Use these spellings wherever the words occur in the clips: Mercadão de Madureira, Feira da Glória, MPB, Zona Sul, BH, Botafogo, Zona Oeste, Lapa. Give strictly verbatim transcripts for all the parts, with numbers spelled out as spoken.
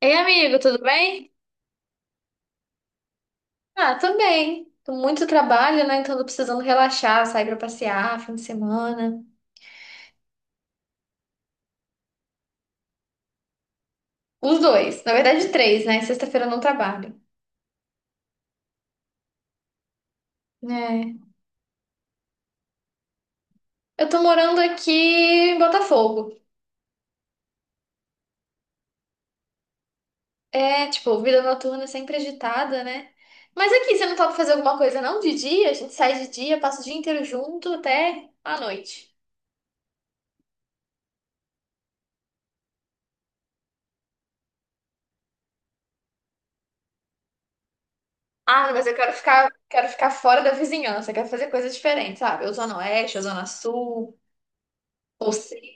Ei, amigo, tudo bem? Ah, tô bem. Tô muito trabalho, né? Então tô precisando relaxar, sair pra passear, fim de semana. Os dois, na verdade três, né? Sexta-feira eu não trabalho. É. Eu tô morando aqui em Botafogo. É, tipo, vida noturna sempre agitada, né? Mas aqui, você não topa fazer alguma coisa, não? De dia? A gente sai de dia, passa o dia inteiro junto até a noite. Ah, mas eu quero ficar, quero ficar fora da vizinhança, quero fazer coisas diferentes, sabe? Ou Zona Oeste, ou Zona Sul, ou sei,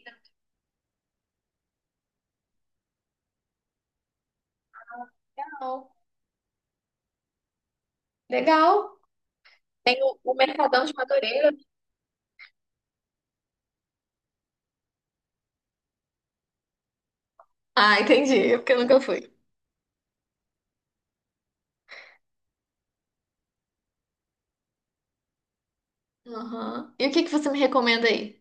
não. Legal. O o Mercadão de Madureira. Ah, entendi. É, porque eu nunca fui. Aham. E o que que você me recomenda aí?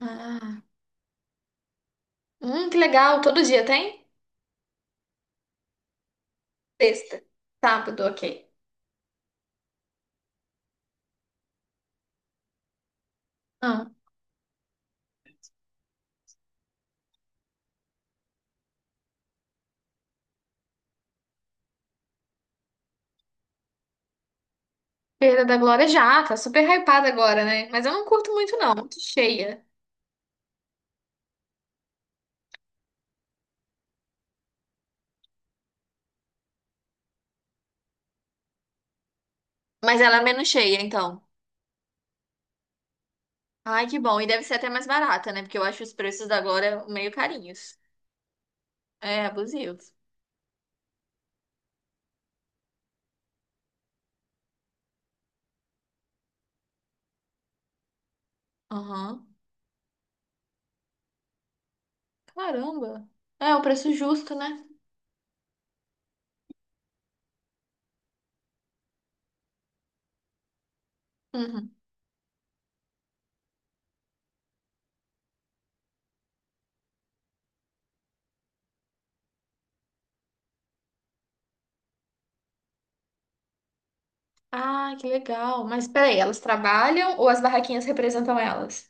Ah, hum, que legal. Todo dia tem? Sexta. Sábado, ok. Ah, Feira da Glória já, tá super hypada agora, né? Mas eu não curto muito, não. Muito cheia. Mas ela é menos cheia, então. Ai, que bom. E deve ser até mais barata, né? Porque eu acho os preços da Glória meio carinhos. É, abusivos. Aham. Caramba. É, o preço justo, né? Uhum. Ah, que legal. Mas peraí, elas trabalham ou as barraquinhas representam elas?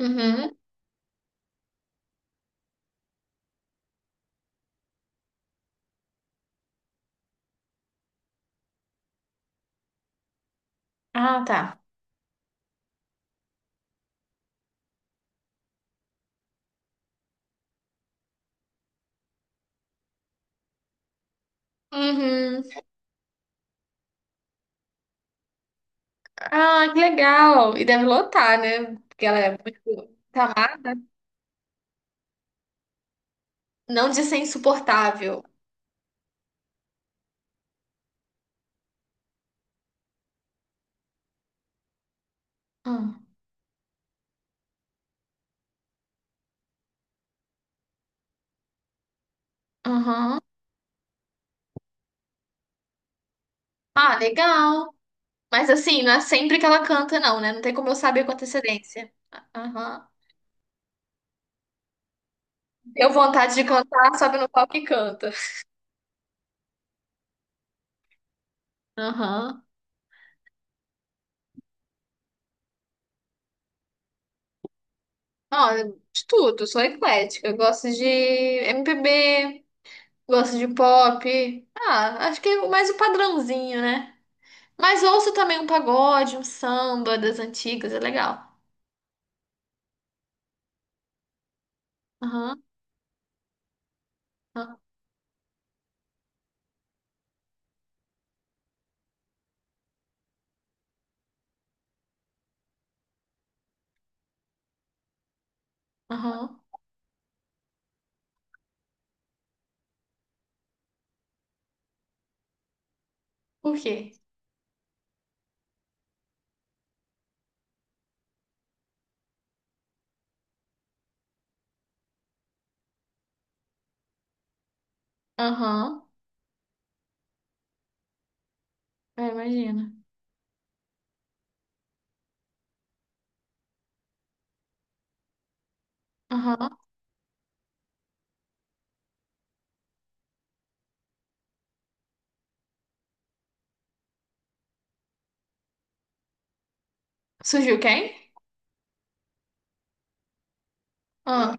Uhum. Ah, tá. Uhum. Ah, que legal. E deve lotar, né? Porque ela é muito amada. Não de ser insuportável. Hum. Uhum. Ah, legal. Mas assim, não é sempre que ela canta, não, né? Não tem como eu saber com antecedência. Aham. Deu vontade de cantar, sobe no palco e canta. Aham. Ah, de tudo, sou eclética. Eu gosto de M P B, gosto de pop. Ah, acho que é mais o padrãozinho, né? Mas ouço também um pagode, um samba das antigas, é legal. Aham, aham, aham. Por quê? Aham, eu imagino. Aham. Surgiu quem? Ah.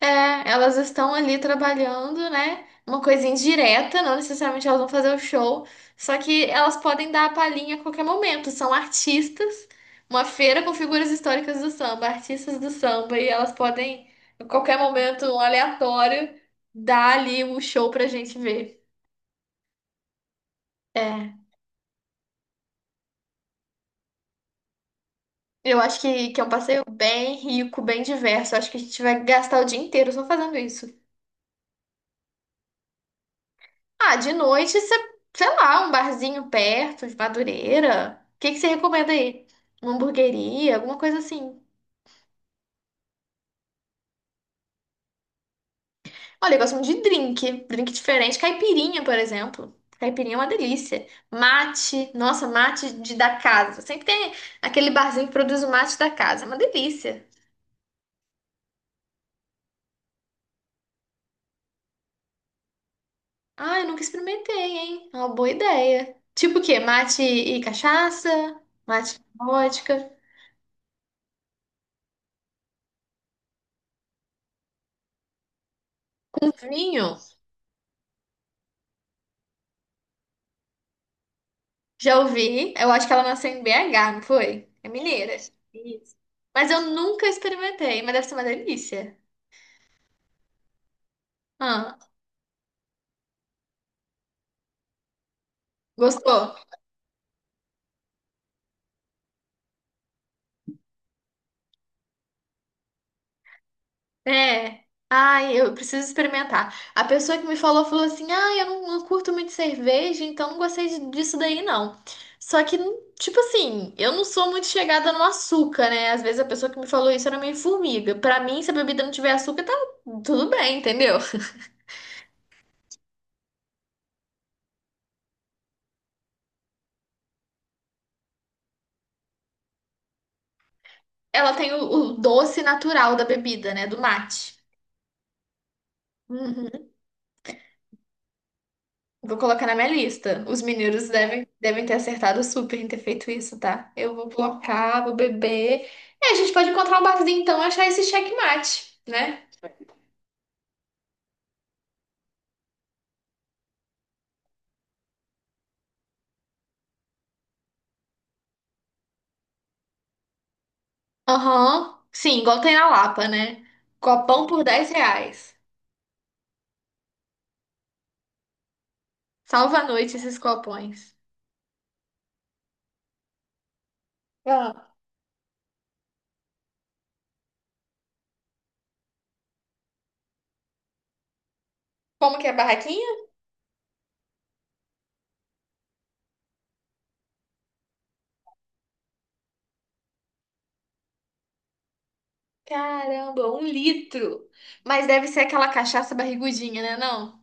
É, elas estão ali trabalhando, né? Uma coisa indireta, não necessariamente elas vão fazer o show, só que elas podem dar a palhinha a qualquer momento. São artistas, uma feira com figuras históricas do samba, artistas do samba, e elas podem, a qualquer momento, um aleatório, dar ali o show pra gente ver. É, eu acho que, que é um passeio bem rico, bem diverso. Eu acho que a gente vai gastar o dia inteiro só fazendo isso. Ah, de noite, cê- sei lá, um barzinho perto, de Madureira. O que que você recomenda aí? Uma hamburgueria, alguma coisa assim. Olha, eu gosto muito de drink. Drink diferente. Caipirinha, por exemplo. Caipirinha é uma delícia. Mate. Nossa, mate de, da casa. Sempre tem aquele barzinho que produz o mate da casa. É uma delícia. Ah, eu nunca experimentei, hein? É uma boa ideia. Tipo o quê? Mate e cachaça? Mate e vodka? Vinho? Já ouvi, eu acho que ela nasceu em B H, não foi? É mineira. Isso. Mas eu nunca experimentei, mas deve ser uma delícia. Ah, gostou? É. Ai, eu preciso experimentar. A pessoa que me falou falou assim: ah, eu não, não curto muito cerveja, então não gostei de- disso daí, não. Só que, tipo assim, eu não sou muito chegada no açúcar, né? Às vezes a pessoa que me falou isso era meio formiga. Pra mim, se a bebida não tiver açúcar, tá tudo bem, entendeu? Ela tem o, o doce natural da bebida, né? Do mate. Uhum. Vou colocar na minha lista. Os mineiros devem, devem ter acertado super em ter feito isso, tá? Eu vou colocar, vou beber. É, a gente pode encontrar um barzinho então e achar esse checkmate, né? Aham. Sim, igual tem na Lapa, né? Copão por dez reais. Salva a noite esses copões. Ah. Como que é a barraquinha? Caramba, um litro. Mas deve ser aquela cachaça barrigudinha, né? Não?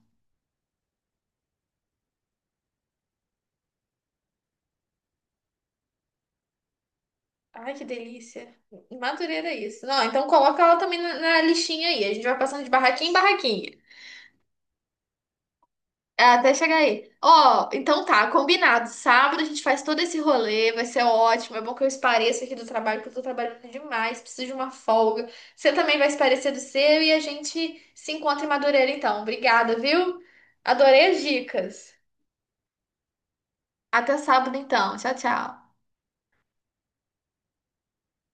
Ai, que delícia. Madureira é isso. Não, então coloca ela também na, na listinha aí. A gente vai passando de barraquinha em barraquinha. É, até chegar aí. Ó, então tá, combinado. Sábado a gente faz todo esse rolê, vai ser ótimo. É bom que eu espareça aqui do trabalho, porque eu tô trabalhando demais, preciso de uma folga. Você também vai esparecer do seu e a gente se encontra em Madureira então. Obrigada, viu? Adorei as dicas. Até sábado então. Tchau, tchau.